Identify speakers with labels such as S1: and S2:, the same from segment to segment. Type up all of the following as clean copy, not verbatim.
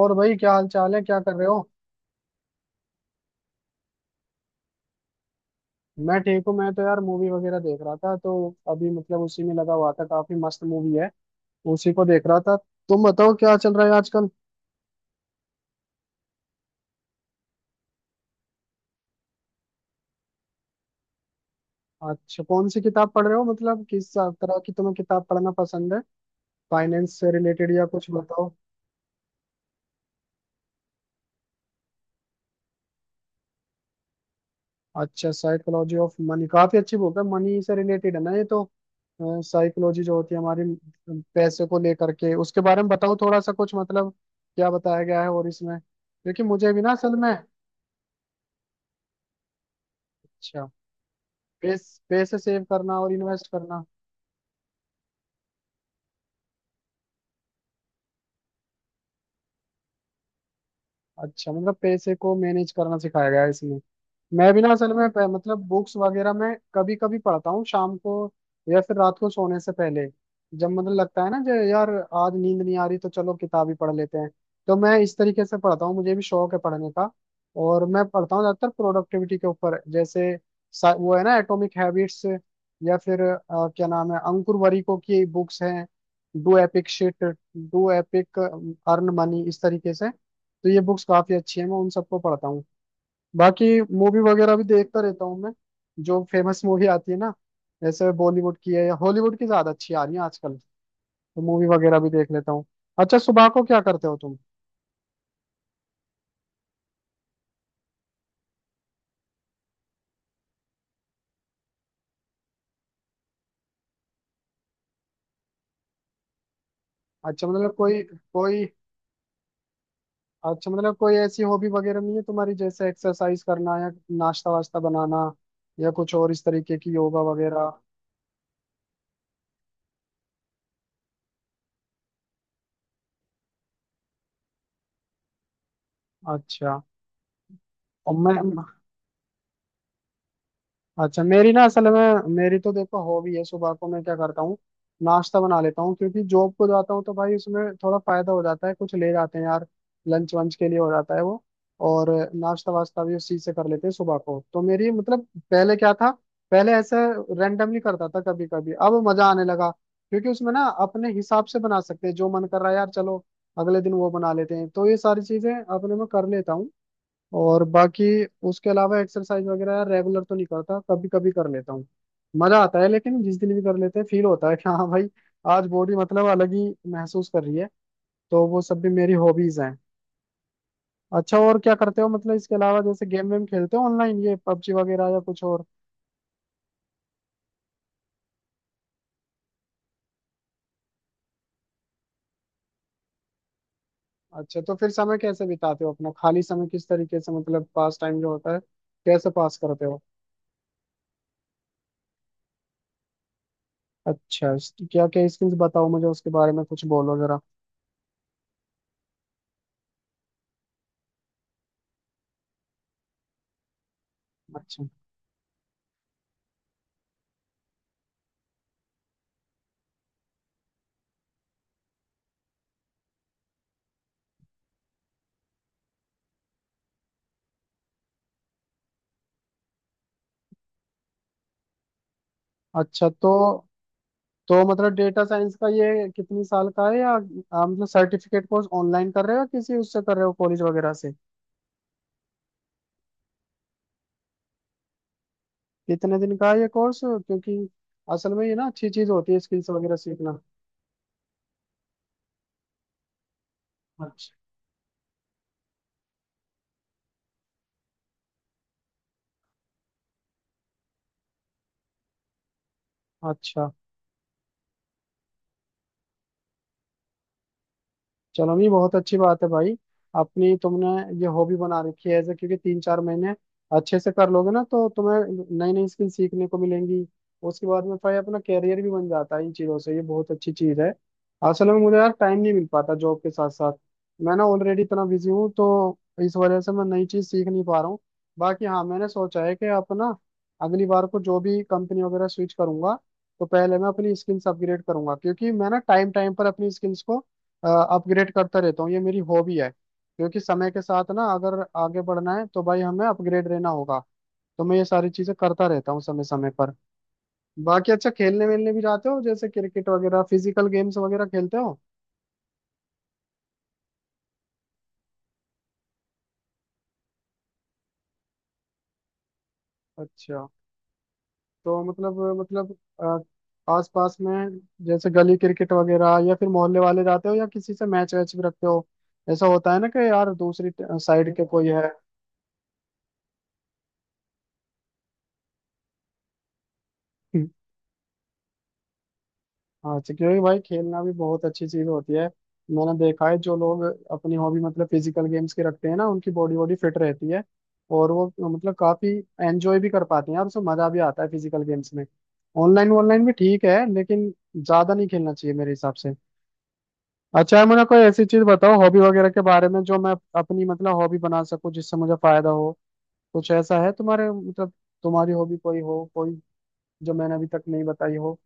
S1: और भाई क्या हाल चाल है, क्या कर रहे हो? मैं ठीक हूँ। मैं तो यार मूवी वगैरह देख रहा था, तो अभी मतलब उसी में लगा हुआ था। काफी मस्त मूवी है, उसी को देख रहा था। तुम बताओ क्या चल रहा है आजकल? अच्छा, कौन सी किताब पढ़ रहे हो, मतलब किस तरह की तुम्हें किताब पढ़ना पसंद है? फाइनेंस से रिलेटेड या कुछ, बताओ। अच्छा, साइकोलॉजी ऑफ मनी काफी अच्छी बुक है। मनी से रिलेटेड है ना ये तो। साइकोलॉजी जो होती है हमारी पैसे को लेकर के, उसके बारे में बताओ थोड़ा सा कुछ, मतलब क्या बताया गया है और इसमें। क्योंकि मुझे भी ना असल में। अच्छा। पैसे सेव करना और इन्वेस्ट करना। अच्छा, मतलब पैसे को मैनेज करना सिखाया गया है इसमें। मैं भी ना असल में मतलब बुक्स वगैरह मैं कभी कभी पढ़ता हूँ शाम को, या फिर रात को सोने से पहले। जब मतलब लगता है ना, जो यार आज नींद नहीं आ रही, तो चलो किताब ही पढ़ लेते हैं। तो मैं इस तरीके से पढ़ता हूँ, मुझे भी शौक है पढ़ने का। और मैं पढ़ता हूँ ज्यादातर प्रोडक्टिविटी के ऊपर, जैसे वो है ना एटॉमिक हैबिट्स, या फिर क्या नाम है, अंकुर वरीको की बुक्स हैं। Do epic shit, do epic, earn money, इस तरीके से। तो ये बुक्स काफी अच्छी हैं, मैं उन सबको पढ़ता हूँ। बाकी मूवी वगैरह भी देखता रहता हूँ मैं। जो फेमस मूवी आती है ना, जैसे बॉलीवुड की है या हॉलीवुड की ज्यादा अच्छी आ रही है आजकल, तो मूवी वगैरह भी देख लेता हूँ। अच्छा, सुबह को क्या करते हो तुम? अच्छा मतलब कोई कोई अच्छा, मतलब कोई ऐसी हॉबी वगैरह नहीं है तुम्हारी, जैसे एक्सरसाइज करना, या नाश्ता वास्ता बनाना, या कुछ और इस तरीके की, योगा वगैरह? अच्छा। और मैं अच्छा, मेरी ना असल में, मेरी तो देखो हॉबी है। सुबह को मैं क्या करता हूँ, नाश्ता बना लेता हूँ, क्योंकि जॉब को जाता हूँ तो भाई उसमें थोड़ा फायदा हो जाता है। कुछ ले जाते हैं यार लंच वंच के लिए, हो जाता है वो। और नाश्ता वास्ता भी उस चीज से कर लेते हैं सुबह को। तो मेरी मतलब पहले क्या था, पहले ऐसे रेंडमली करता था कभी कभी, अब मजा आने लगा। क्योंकि उसमें ना अपने हिसाब से बना सकते हैं, जो मन कर रहा है यार चलो अगले दिन वो बना लेते हैं। तो ये सारी चीजें अपने में कर लेता हूँ। और बाकी उसके अलावा एक्सरसाइज वगैरह यार रेगुलर तो नहीं करता, कभी कभी कर लेता हूँ, मजा आता है। लेकिन जिस दिन भी कर लेते हैं फील होता है कि हाँ भाई आज बॉडी मतलब अलग ही महसूस कर रही है। तो वो सब भी मेरी हॉबीज हैं। अच्छा और क्या करते हो मतलब इसके अलावा, जैसे गेम वेम खेलते हो ऑनलाइन, ये पबजी वगैरह या कुछ और? अच्छा, तो फिर समय कैसे बिताते हो अपना, खाली समय किस तरीके से, मतलब पास टाइम जो होता है कैसे पास करते हो? अच्छा। क्या क्या स्किल्स बताओ मुझे, उसके बारे में कुछ बोलो जरा। अच्छा। अच्छा। तो मतलब डेटा साइंस का ये कितनी साल का है, या आप मतलब सर्टिफिकेट कोर्स ऑनलाइन कर रहे हो या किसी उससे कर रहे हो कॉलेज वगैरह से? कितने दिन का है ये कोर्स, क्योंकि असल में ये ना अच्छी चीज होती है स्किल्स वगैरह सीखना। अच्छा। अच्छा, चलो नहीं, बहुत अच्छी बात है भाई। अपनी तुमने ये हॉबी बना रखी है ऐसे, क्योंकि 3-4 महीने अच्छे से कर लोगे ना, तो तुम्हें नई नई स्किल सीखने को मिलेंगी। उसके बाद में फिर अपना कैरियर भी बन जाता है इन चीज़ों से, ये बहुत अच्छी चीज़ है। असल में मुझे यार टाइम नहीं मिल पाता जॉब के साथ साथ। मैं ना ऑलरेडी इतना बिजी हूँ, तो इस वजह से मैं नई चीज़ सीख नहीं पा रहा हूँ। बाकी हाँ, मैंने सोचा है कि अपना अगली बार को जो भी कंपनी वगैरह स्विच करूंगा, तो पहले मैं अपनी स्किल्स अपग्रेड करूंगा। क्योंकि मैं ना टाइम टाइम पर अपनी स्किल्स को अपग्रेड करता रहता हूँ, ये मेरी हॉबी है। क्योंकि समय के साथ ना अगर आगे बढ़ना है तो भाई हमें अपग्रेड रहना होगा। तो मैं ये सारी चीजें करता रहता हूँ समय समय पर। बाकी अच्छा, खेलने वेलने भी जाते हो, जैसे क्रिकेट वगैरह, फिजिकल गेम्स वगैरह खेलते हो? अच्छा, तो मतलब आसपास में, जैसे गली क्रिकेट वगैरह, या फिर मोहल्ले वाले जाते हो, या किसी से मैच वैच भी रखते हो? ऐसा होता है ना कि यार दूसरी साइड के कोई है। हाँ, तो क्योंकि भाई खेलना भी बहुत अच्छी चीज होती है। मैंने देखा है जो लोग अपनी हॉबी मतलब फिजिकल गेम्स की रखते हैं ना, उनकी बॉडी बॉडी फिट रहती है। और वो मतलब काफी एंजॉय भी कर पाते हैं, और उसमें मजा भी आता है फिजिकल गेम्स में। ऑनलाइन ऑनलाइन भी ठीक है लेकिन ज्यादा नहीं खेलना चाहिए मेरे हिसाब से। अच्छा है, मुझे कोई ऐसी चीज बताओ हॉबी वगैरह के बारे में जो मैं अपनी मतलब हॉबी बना सकूं, जिससे मुझे फायदा हो। कुछ ऐसा है तुम्हारे मतलब, तुम्हारी हॉबी कोई हो, कोई जो मैंने अभी तक नहीं बताई हो?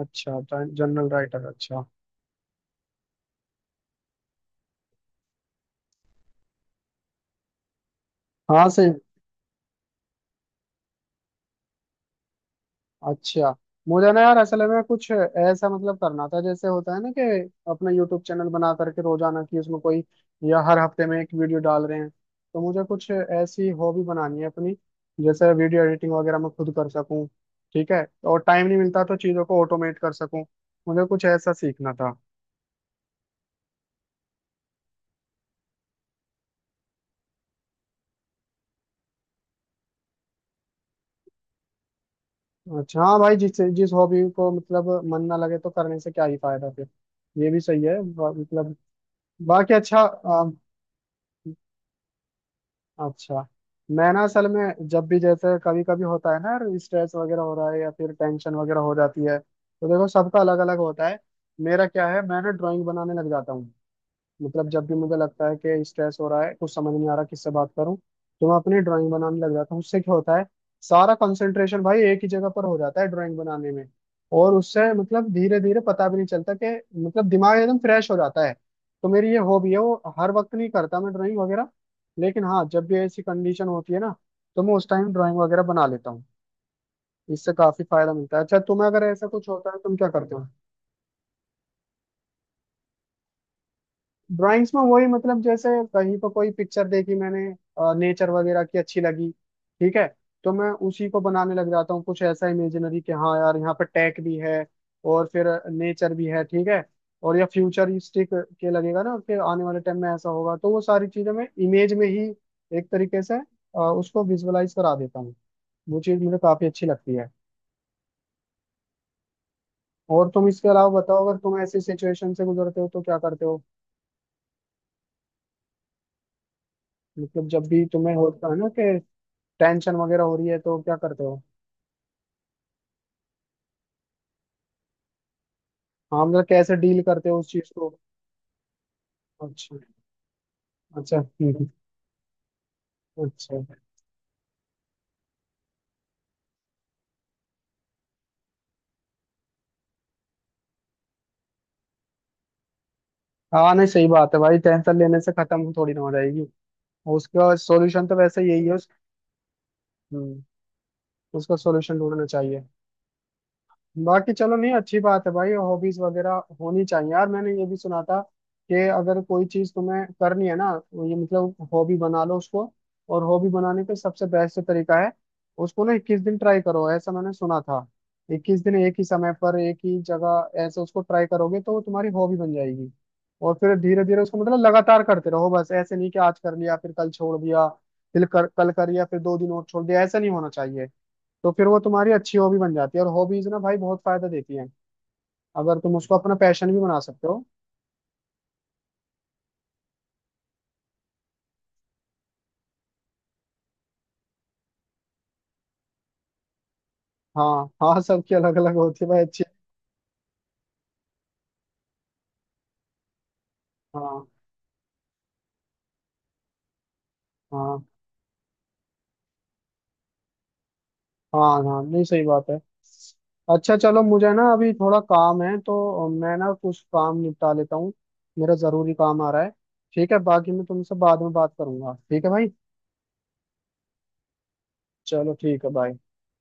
S1: अच्छा। जनरल राइटर, अच्छा। हाँ, से। अच्छा, मुझे ना यार असल में कुछ ऐसा मतलब करना था, जैसे होता है ना कि अपना यूट्यूब चैनल बना करके रोजाना की उसमें कोई, या हर हफ्ते में एक वीडियो डाल रहे हैं। तो मुझे कुछ ऐसी हॉबी बनानी है अपनी, जैसे वीडियो एडिटिंग वगैरह मैं खुद कर सकूं। ठीक है, और टाइम नहीं मिलता तो चीज़ों को ऑटोमेट कर सकूं। मुझे कुछ ऐसा सीखना था। अच्छा, हाँ भाई जिस जिस हॉबी को मतलब मन ना लगे तो करने से क्या ही फायदा फिर। ये भी सही है, मतलब। बाकी, अच्छा। अच्छा, मैं ना असल में जब भी, जैसे कभी कभी होता है ना यार, स्ट्रेस वगैरह हो रहा है या फिर टेंशन वगैरह हो जाती है, तो देखो सबका अलग अलग होता है। मेरा क्या है, मैं ना ड्राइंग बनाने लग जाता हूँ। मतलब जब भी मुझे लगता है कि स्ट्रेस हो रहा है, कुछ समझ नहीं आ रहा, किससे बात करूं, तो मैं अपनी ड्राइंग बनाने लग जाता हूँ। उससे क्या होता है, सारा कंसंट्रेशन भाई एक ही जगह पर हो जाता है ड्राइंग बनाने में। और उससे मतलब धीरे धीरे पता भी नहीं चलता कि मतलब दिमाग एकदम फ्रेश हो जाता है। तो मेरी ये हॉबी है, वो हर वक्त नहीं करता मैं ड्राइंग वगैरह। लेकिन हाँ, जब भी ऐसी कंडीशन होती है ना तो मैं उस टाइम ड्राइंग वगैरह बना लेता हूँ, इससे काफी फायदा मिलता है। अच्छा, तुम्हें अगर ऐसा कुछ होता है तुम क्या करते हो? ड्राइंग्स में वही मतलब, जैसे कहीं पर कोई पिक्चर देखी मैंने, नेचर वगैरह की, अच्छी लगी, ठीक है, तो मैं उसी को बनाने लग जाता हूँ। कुछ ऐसा इमेजिनरी कि हाँ यार यहाँ पर टेक भी है, और फिर नेचर भी है, ठीक है। और या फ्यूचरिस्टिक के लगेगा ना कि आने वाले टाइम में ऐसा होगा, तो वो सारी चीजें मैं इमेज में ही एक तरीके से उसको विजुअलाइज करा देता हूँ। वो चीज मुझे काफी अच्छी लगती है। और तुम इसके अलावा बताओ, अगर तुम ऐसी सिचुएशन से गुजरते हो तो क्या करते हो? मतलब जब भी तुम्हें होता है ना कि टेंशन वगैरह हो रही है, तो क्या करते हो? हाँ मतलब कैसे डील करते हो उस चीज को? अच्छा। अच्छा। हम्म। अच्छा। हाँ, नहीं सही बात है भाई, टेंशन लेने से खत्म थोड़ी ना हो जाएगी। उसका सॉल्यूशन तो वैसे यही है हम्म, उसका सॉल्यूशन ढूंढना चाहिए। बाकी चलो नहीं, अच्छी बात है भाई, हॉबीज वगैरह होनी चाहिए यार। मैंने ये भी सुना था कि अगर कोई चीज तुम्हें करनी है ना, वो ये मतलब हॉबी बना लो उसको। और हॉबी बनाने का सबसे बेस्ट तरीका है उसको ना 21 दिन ट्राई करो, ऐसा मैंने सुना था। 21 दिन एक ही समय पर एक ही जगह ऐसे उसको ट्राई करोगे तो वो तुम्हारी हॉबी बन जाएगी। और फिर धीरे धीरे उसको मतलब लगातार करते रहो, बस ऐसे नहीं कि आज कर लिया फिर कल छोड़ दिया, फिर कल कर लिया फिर 2 दिन और छोड़ दिया, ऐसा नहीं होना चाहिए। तो फिर वो तुम्हारी अच्छी हॉबी बन जाती है, और हॉबीज ना भाई बहुत फायदा देती हैं, अगर तुम उसको अपना पैशन भी बना सकते हो। हाँ, हाँ, सबकी अलग अलग होती है भाई, अच्छी। हाँ, हाँ। हाँ, हाँ, नहीं सही बात है। अच्छा चलो, मुझे ना अभी थोड़ा काम है तो मैं ना कुछ काम निपटा लेता हूँ। मेरा जरूरी काम आ रहा है। ठीक है, बाकी मैं तुमसे बाद में बात करूंगा, ठीक है भाई। चलो ठीक है, बाय।